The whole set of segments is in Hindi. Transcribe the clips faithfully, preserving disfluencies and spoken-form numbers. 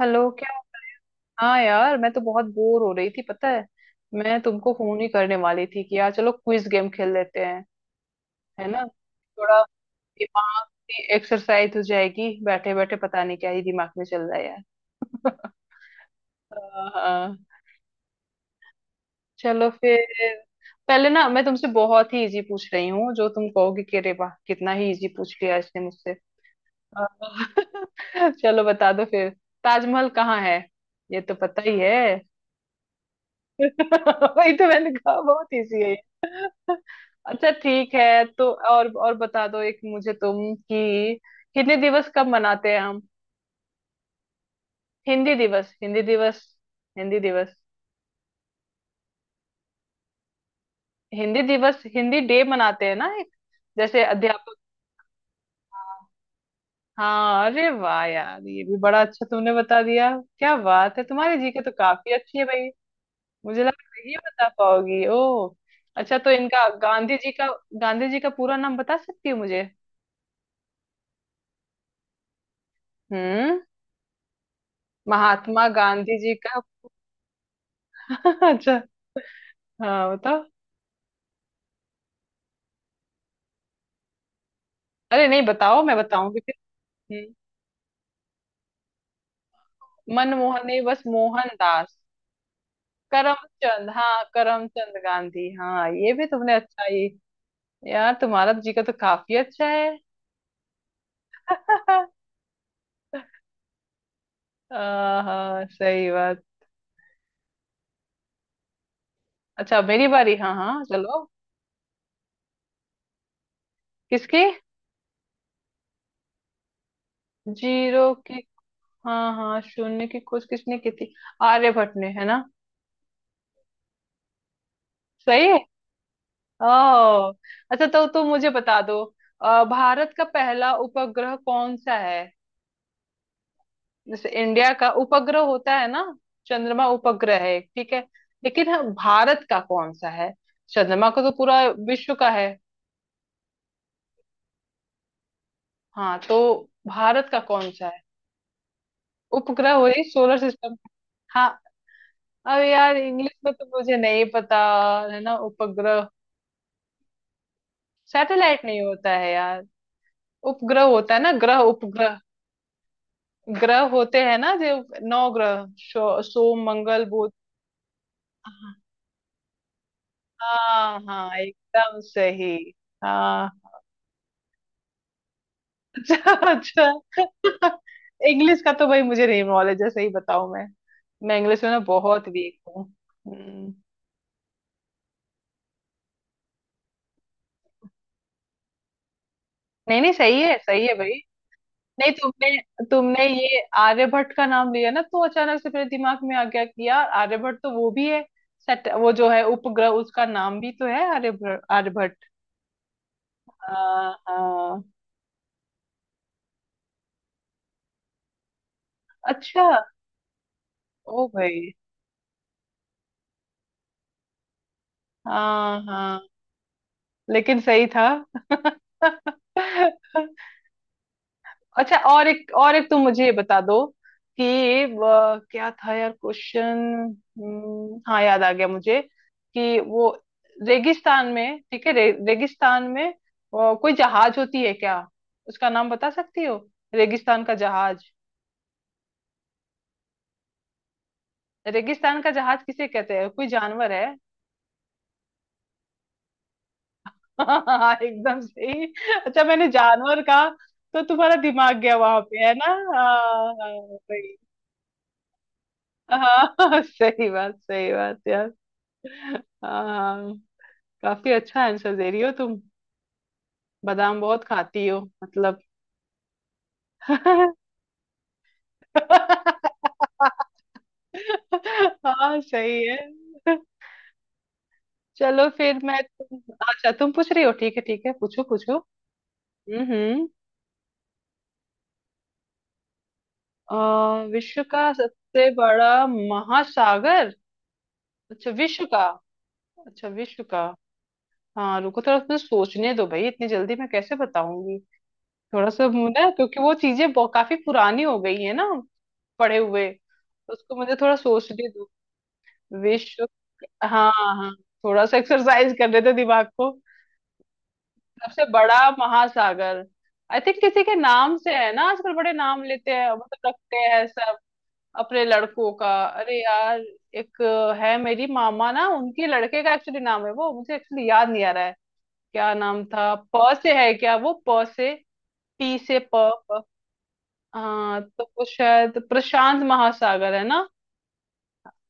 हेलो? क्या हाँ यार, मैं तो बहुत बोर हो रही थी, पता है। मैं तुमको फोन ही करने वाली थी कि यार चलो क्विज गेम खेल लेते हैं। है ना? थोड़ा दिमाग की एक्सरसाइज हो जाएगी। बैठे बैठे पता नहीं क्या ही दिमाग में चल रहा है यार। हाँ हाँ। चलो फिर। पहले ना मैं तुमसे बहुत ही इजी पूछ रही हूँ, जो तुम कहोगे कि अरे वाह, कितना ही इजी पूछ लिया इसने मुझसे। हाँ। चलो बता दो फिर। ताजमहल कहाँ है? ये तो पता ही है। वही तो मैंने कहा, बहुत इजी है ये। अच्छा ठीक है तो और और बता दो एक मुझे तुम, कि हिंदी दिवस कब मनाते हैं हम? हिंदी दिवस हिंदी दिवस। हिंदी दिवस। हिंदी दिवस हिंदी डे मनाते हैं ना एक, जैसे अध्यापक। हाँ, अरे वाह यार, ये भी बड़ा अच्छा तुमने बता दिया। क्या बात है, तुम्हारी जीके तो काफी अच्छी है भाई। मुझे लगा ये बता पाओगी ओ। अच्छा, तो इनका गांधी जी का, गांधी जी का पूरा नाम बता सकती हो मुझे? हम्म। महात्मा गांधी जी का। अच्छा, हाँ बताओ। अरे नहीं बताओ, मैं बताऊंगी फिर। हम्म, मनमोहन नहीं, बस मोहनदास। करमचंद, हाँ करमचंद गांधी, हाँ ये भी तुमने अच्छा ही। यार तुम्हारा जीके तो काफी अच्छा है। हाँ सही बात। अच्छा मेरी बारी, हाँ हाँ चलो। किसकी? जीरो की? हाँ हाँ, शून्य की खोज किसने की थी, आर्यभट्ट ने, है ना? सही है। ओह, अच्छा तो तुम मुझे बता दो, अ, भारत का पहला उपग्रह कौन सा है? जैसे इंडिया का उपग्रह होता है ना, चंद्रमा उपग्रह है एक, ठीक है, लेकिन हाँ, भारत का कौन सा है? चंद्रमा का तो पूरा विश्व का है। हाँ तो भारत का कौन सा है? उपग्रह, वही सोलर सिस्टम। हाँ, अब यार इंग्लिश में तो मुझे नहीं पता। है ना उपग्रह, सैटेलाइट नहीं होता है यार, उपग्रह होता है ना, ग्रह उपग्रह। ग्रह होते हैं ना जो, नौ ग्रह, शो- सोम मंगल बुध। हाँ हाँ एकदम सही। हाँ। अच्छा अच्छा, इंग्लिश का तो भाई मुझे नहीं नॉलेज है, सही बताऊं मैं मैं इंग्लिश में ना बहुत वीक हूँ। हम्म, नहीं नहीं सही है सही है भाई। नहीं तुमने तुमने ये आर्यभट्ट का नाम लिया ना, तो अचानक से मेरे दिमाग में आ गया कि यार, आर्यभट्ट तो वो भी है। सट, वो जो है उपग्रह, उसका नाम भी तो है आर्यभट्ट, आर्यभट्ट। हाँ हाँ। अच्छा। ओ भाई, हाँ हाँ। लेकिन सही था। अच्छा, और एक और एक तुम मुझे ये बता दो कि, अ, क्या था यार क्वेश्चन। हाँ याद आ गया मुझे, कि वो रेगिस्तान में, ठीक है, रे, रेगिस्तान में अ, कोई जहाज होती है क्या? उसका नाम बता सकती हो, रेगिस्तान का जहाज? रेगिस्तान का जहाज किसे कहते हैं, कोई जानवर है? हाँ एकदम सही। अच्छा, मैंने जानवर का, तो तुम्हारा दिमाग गया वहां पे, है ना? हाँ हाँ, सही। हाँ सही बात, सही बात यार। हाँ, काफी अच्छा आंसर दे रही हो तुम, बादाम बहुत खाती हो मतलब। हाँ सही है। चलो फिर मैं तुम, अच्छा तुम पूछ रही हो, ठीक है ठीक है, पूछो पूछो। हम्म हम्म। अ, विश्व का सबसे बड़ा महासागर। अच्छा विश्व का, अच्छा विश्व का। हाँ रुको, थोड़ा मुझे सोचने दो भाई, इतनी जल्दी मैं कैसे बताऊंगी। थोड़ा सा मुझे ना, क्योंकि वो चीजें बहु- काफी पुरानी हो गई है ना पढ़े हुए, तो उसको मुझे थोड़ा सोचने दो। विश्व। हाँ हाँ। थोड़ा सा एक्सरसाइज करने दो दिमाग को। सबसे बड़ा महासागर। आई थिंक किसी के नाम से है ना, आजकल बड़े नाम लेते हैं, मतलब रखते हैं सब अपने लड़कों का। अरे यार एक है, मेरी मामा ना, उनके लड़के का एक्चुअली नाम है, वो मुझे एक्चुअली याद नहीं आ रहा है। क्या नाम था, प से है क्या वो, प से? टी से प। प- हाँ, तो वो शायद प्रशांत महासागर है ना।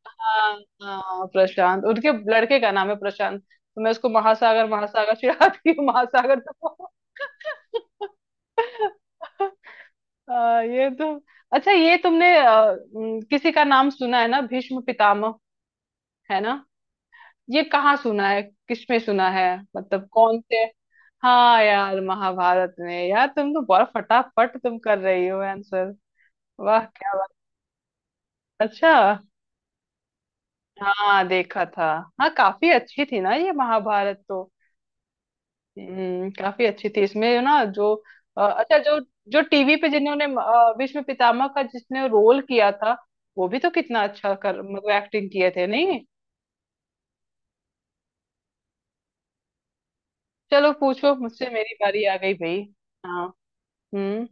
हाँ हाँ, प्रशांत, उनके लड़के का नाम है प्रशांत, तो मैं उसको महासागर महासागर चिढ़ाती हूँ। महासागर तो। आ, ये तो, अच्छा ये तुमने आ, उम, किसी का नाम सुना है ना, भीष्म पितामह? है ना? ये कहाँ सुना है? किसमें सुना है, मतलब कौन से? हाँ यार, महाभारत में। यार तुम तो बहुत फटाफट तुम कर रही हो आंसर, वाह क्या बात। अच्छा। हाँ देखा था। हाँ काफी अच्छी थी ना ये महाभारत तो। हम्म, काफी अच्छी थी, इसमें ना जो, अ, अच्छा जो, जो टीवी पे जिन्होंने अ, भीष्म पितामह का जिसने रोल किया था, वो भी तो कितना अच्छा कर मतलब एक्टिंग किए थे नहीं। चलो पूछो मुझसे, मेरी बारी आ गई भाई। हाँ। हम्म।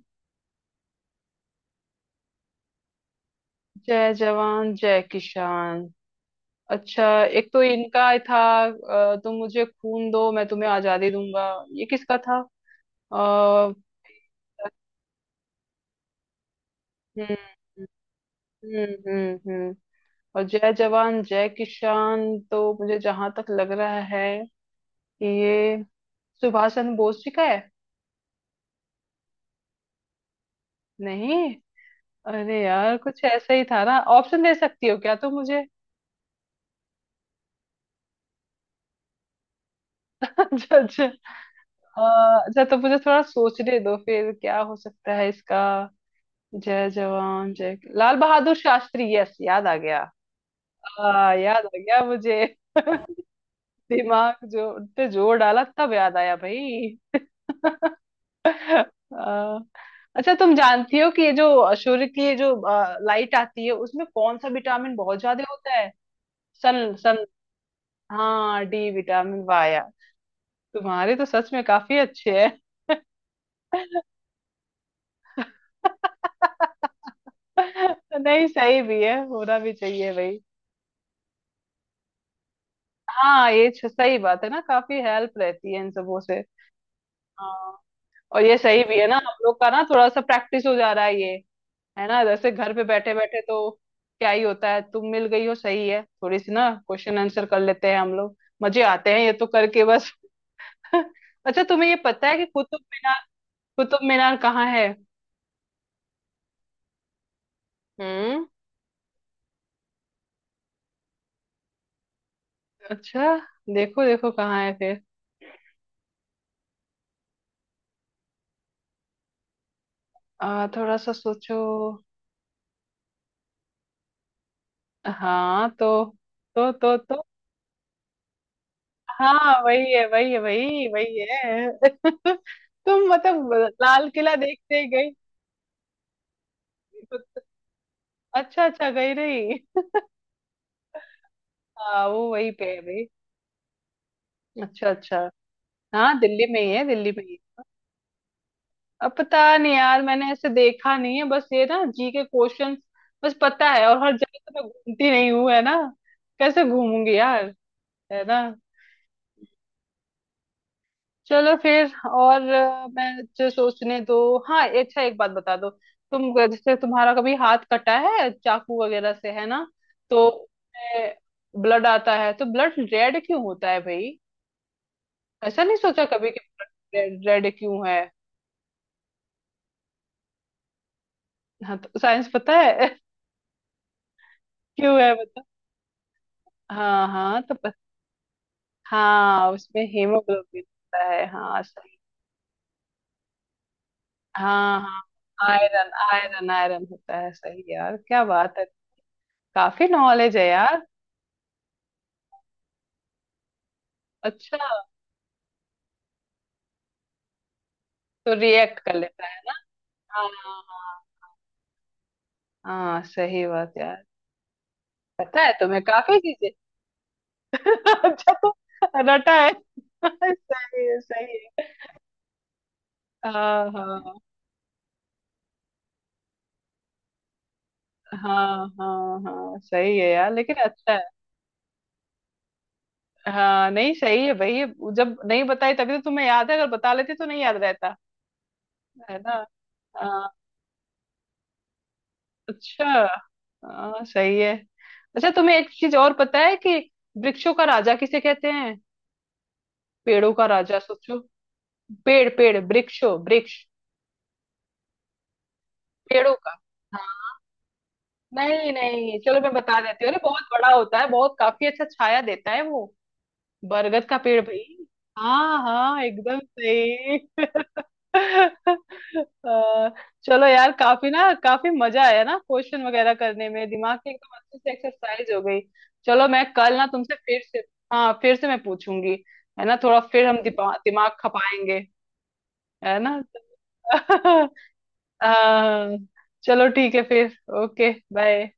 जय जवान जय किसान। अच्छा, एक तो इनका था, अ, तुम मुझे खून दो मैं तुम्हें आजादी दूंगा, ये किसका था? हम्म हम्म हम्म हम्म। और जय जवान जय किसान, तो मुझे जहां तक लग रहा है कि ये सुभाष चंद्र बोस जी का है। नहीं? अरे यार कुछ ऐसा ही था ना, ऑप्शन दे सकती हो क्या तुम मुझे? अच्छा अच्छा, अ, अच्छा तो मुझे थोड़ा सोचने दो फिर क्या हो सकता है इसका। जय जवान जय कि- लाल बहादुर शास्त्री, यस याद आ गया। आ, याद आ गया मुझे। दिमाग जो उन पे जोर डाला तब याद आया भाई। आ, अच्छा तुम जानती हो कि ये जो सूर्य की ये जो लाइट आती है, उसमें कौन सा विटामिन बहुत ज्यादा होता है? सन सन। हाँ डी विटामिन, वाह यार, तुम्हारे तो सच में काफी अच्छे हैं। नहीं सही भी है, होना भी चाहिए भाई। हाँ, ये छ- सही बात है ना, काफी हेल्प रहती है इन सबों से। हाँ, और ये सही भी है ना, हम लोग का ना थोड़ा सा प्रैक्टिस हो जा रहा है ये, है ना, जैसे घर पे बैठे बैठे तो क्या ही होता है। तुम मिल गई हो, सही है, थोड़ी सी ना क्वेश्चन आंसर कर लेते हैं हम लोग, मजे आते हैं, ये तो करके बस। अच्छा तुम्हें ये पता है कि कुतुब, कुतुब मीनार कहाँ है? हम्म। अच्छा, देखो देखो कहाँ है फिर। आ, थोड़ा सा सोचो। हाँ तो तो तो तो। हाँ वही है वही है, वही वही है। तुम मतलब लाल किला देखते ही गई। अच्छा अच्छा, गई रही। हाँ वो वही पे है। अच्छा अच्छा। हाँ दिल्ली में ही है, दिल्ली में ही है। अब पता नहीं यार, मैंने ऐसे देखा नहीं है, बस ये ना जी के क्वेश्चन बस पता है, और हर जगह तो मैं घूमती नहीं हूँ है ना, कैसे घूमूंगी यार, है ना। चलो फिर, और अ, मैं जो सोचने दो। हाँ, अच्छा एक बात बता दो, तुम जैसे तुम्हारा कभी हाथ कटा है चाकू वगैरह से, है ना, तो ब्लड आता है, तो ब्लड रेड क्यों होता है भाई? ऐसा नहीं सोचा कभी कि ब्लड रेड क्यों है? हाँ तो साइंस पता है क्यों है, बता। हाँ हाँ तो प- हाँ, उसमें हीमोग्लोबिन होता है, हाँ सही। हाँ हाँ, आयरन आयरन आयरन होता है, सही यार, क्या बात है। काफी नॉलेज है यार। अच्छा, तो रिएक्ट कर लेता है। हाँ हाँ। हाँ हाँ, सही बात यार। पता है तुम्हें काफी चीजें। अच्छा तो रटा है। सही है सही है। हाँ हाँ। हाँ हाँ हाँ, सही है यार, लेकिन अच्छा है। हाँ नहीं, सही है भाई। जब नहीं बताई तभी तो तुम्हें याद है, अगर बता लेती तो नहीं याद रहता। है ना? हाँ, अच्छा, हाँ सही है। अच्छा तुम्हें एक चीज और पता है कि वृक्षों का राजा किसे कहते हैं? पेड़ों का राजा, सोचो। पेड़ पेड़, वृक्षों वृक्ष, पेड़ों का। हाँ नहीं नहीं, चलो मैं बता देती हूँ, अरे बहुत बड़ा होता है, बहुत काफी अच्छा छाया देता है वो, बरगद का पेड़ भाई। हाँ हाँ एकदम सही। अ, चलो यार, काफी ना, काफी मजा आया ना क्वेश्चन वगैरह करने में, दिमाग की एकदम अच्छे से एक्सरसाइज हो गई। चलो मैं कल ना तुमसे फिर से, हाँ फिर से मैं पूछूंगी, है ना, थोड़ा फिर हम दिमाग दिमाग खपाएंगे, है ना। हाँ, चलो ठीक है फिर, ओके बाय।